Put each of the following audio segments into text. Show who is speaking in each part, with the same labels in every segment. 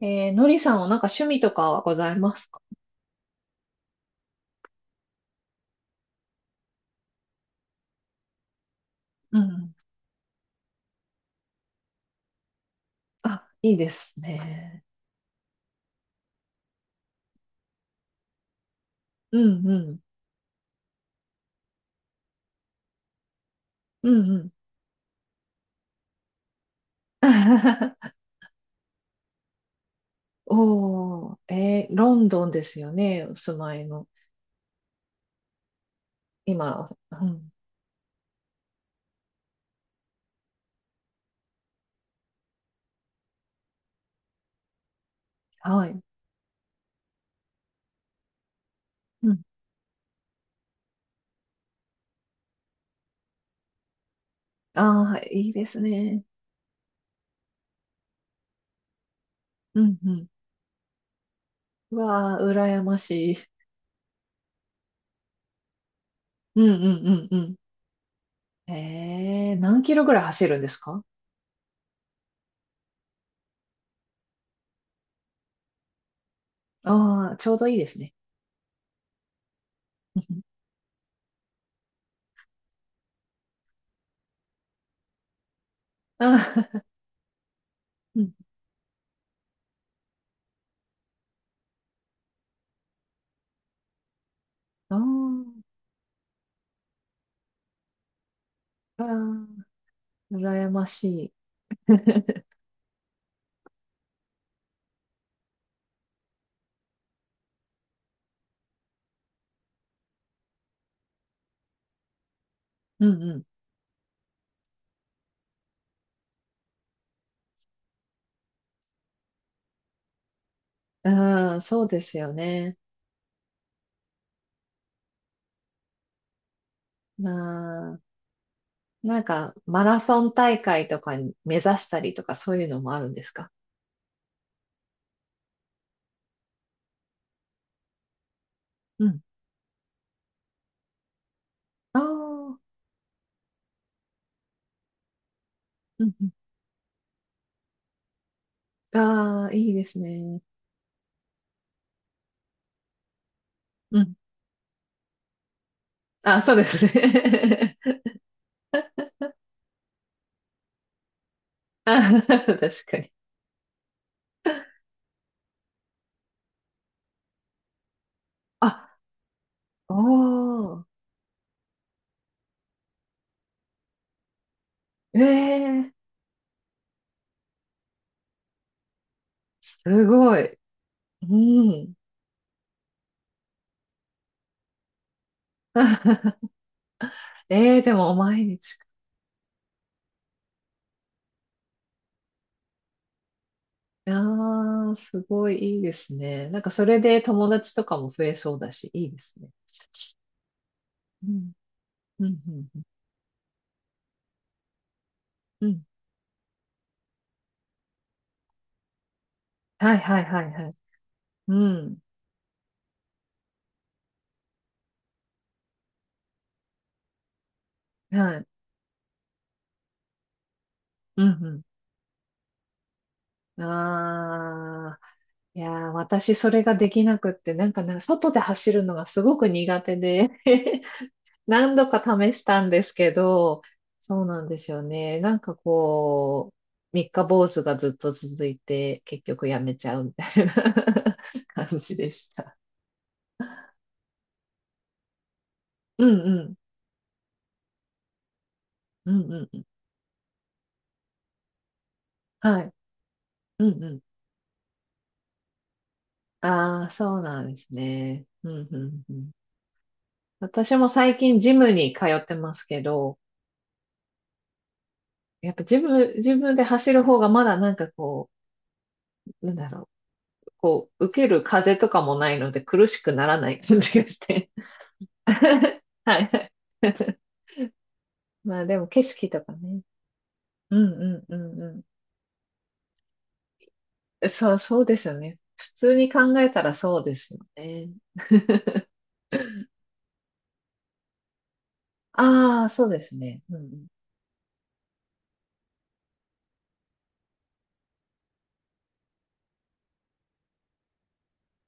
Speaker 1: のりさんはなんか趣味とかはございますか？うん。あ、いいですね。うんうん。うんうん。おー、ロンドンですよね。お住まいの。今、うん。はい。うん。ああ、いいですね。うんうん。うわあ、羨ましい。うんうんうんうん。何キロぐらい走るんですか？ああー、ちょうどいいですね。うんあー、うん。あーあー、羨ましい。うんうんうん、そうですよね。なあ、なんか、マラソン大会とかに目指したりとか、そういうのもあるんですか？うん。ああ、うんうん。ああ、いいですね。うん。あ、そうですね。あ、確かに。あ、おー、ええすごい。うん。ええでも毎日。ああ、すごいいいですね。なんかそれで友達とかも増えそうだし、いいですね。うん、うん、うん。うんはいはいはいはい。うん。はい。うんうん。ああ。いやー、私それができなくって、なんかね、外で走るのがすごく苦手で 何度か試したんですけど、そうなんですよね。なんかこう、三日坊主がずっと続いて、結局やめちゃうみたいな 感じでした。うんうん。うんうん。はい。うんうん。ああ、そうなんですね。うんうんうん。私も最近ジムに通ってますけど、やっぱジム、自分で走る方がまだなんかこう、なんだろう、こう、受ける風とかもないので苦しくならない感じがして。はいはい。まあでも景色とかね。うんうんうんうん。そう、そうですよね。普通に考えたらそうですよね。ああ、そうですね。うんうん。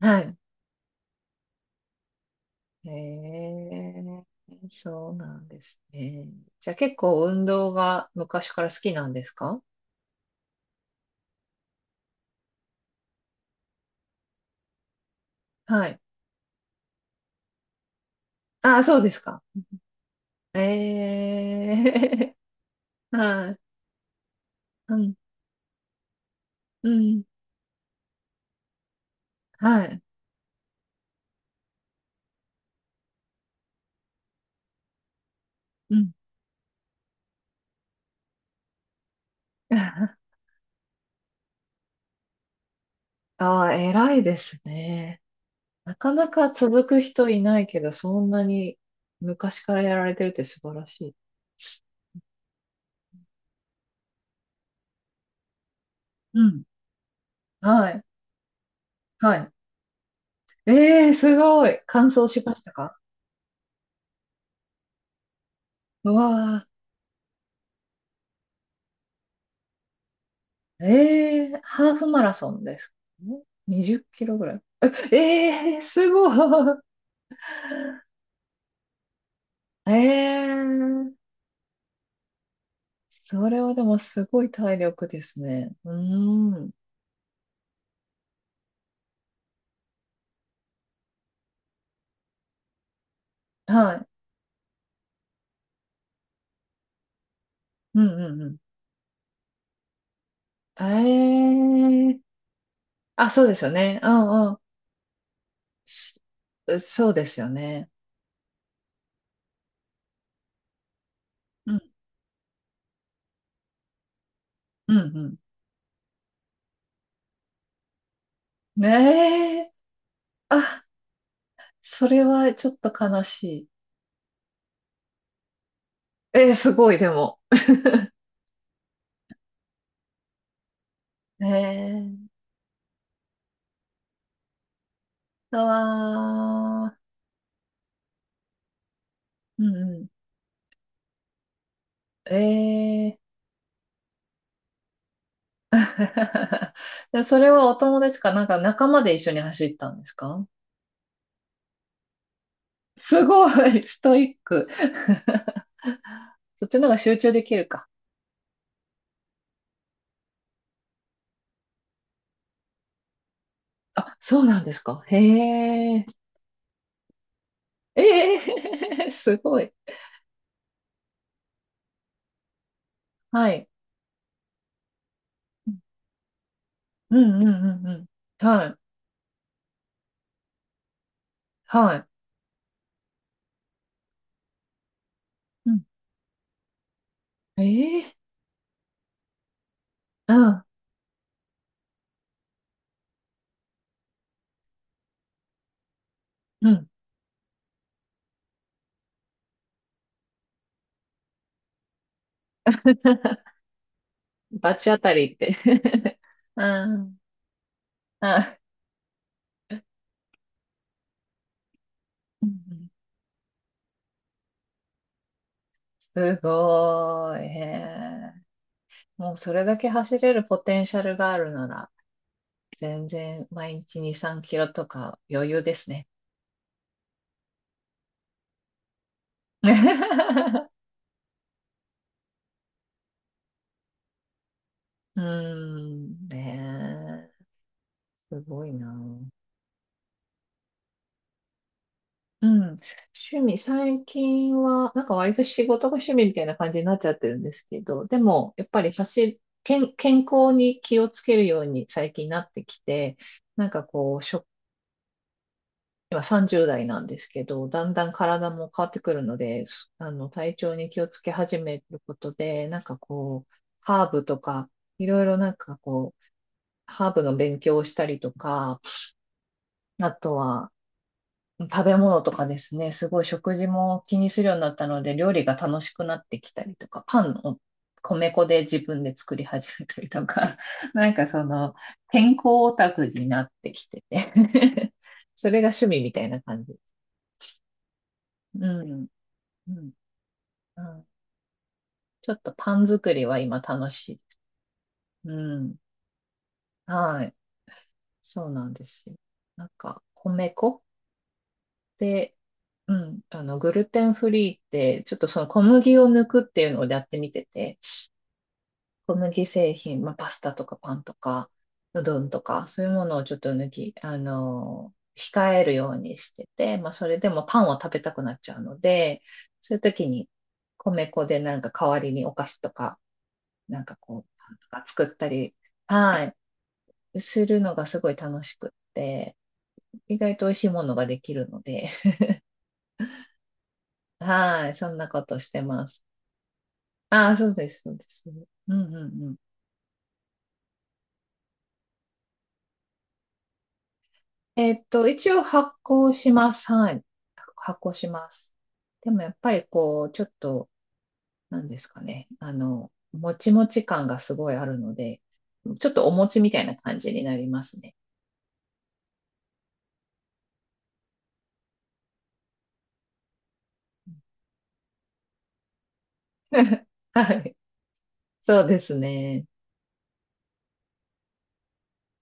Speaker 1: はい。へえ、そうなんですね。じゃあ結構運動が昔から好きなんですか？はい。ああ、そうですか。ええ、はい。うん、うん、はい。うん。ああ、偉いですね。なかなか続く人いないけど、そんなに昔からやられてるって素晴らしい。うん。はい。はい。ええ、すごい。完走しましたか？うわええーハーフマラソンですか？ん？ 20 キロぐらい。ええーすごい。ええーそれはでもすごい体力ですね。うーん。はい。うんうんうん。ええーあ、そうですよね。うんうん。しそうですよね。うん。うんうん。ええあ、それはちょっと悲しい。えーすごい、でも。ええああー、うんうん。ええ で、それはお友達かなんか仲間で一緒に走ったんですか？すごい、ストイック。そっちの方が集中できるか。あ、そうなんですか。へえ。ええ すごい。はい。うんうんうんうん。はい。はい。うん。ええうん。うん。罰当たりって うん。あ、うんうんすごい。へえ。もうそれだけ走れるポテンシャルがあるなら、全然毎日2、3キロとか余裕ですね。うーん、ねえ、すごいな。うん、趣味、最近は、なんか割と仕事が趣味みたいな感じになっちゃってるんですけど、でも、やっぱり健康に気をつけるように最近なってきて、なんかこう、今30代なんですけど、だんだん体も変わってくるので、すあの、体調に気をつけ始めることで、なんかこう、ハーブとか、いろいろなんかこう、ハーブの勉強をしたりとか、あとは食べ物とかですね、すごい食事も気にするようになったので、料理が楽しくなってきたりとか、パンを米粉で自分で作り始めたりとか、なんかその、健康オタクになってきてて それが趣味みたいな感じです。うん。うんうん、ちょっとパン作りは今楽しいです。うん。はい。そうなんですよ。なんか、米粉で、うん、グルテンフリーって、ちょっとその小麦を抜くっていうのをやってみてて、小麦製品、まあ、パスタとかパンとか、うどんとか、そういうものをちょっと抜き、あの、控えるようにしてて、まあ、それでもパンを食べたくなっちゃうので、そういう時に米粉でなんか代わりにお菓子とか、なんかこう、パンとか作ったり、はい。するのがすごい楽しくって、意外と美味しいものができるので、はい、そんなことしてます。ああ、そうです、そうです。うんうんうん。一応発行します。はい。発行します。でもやっぱりこう、ちょっと、なんですかね。もちもち感がすごいあるので、ちょっとお餅みたいな感じになりますね。はい。そうですね。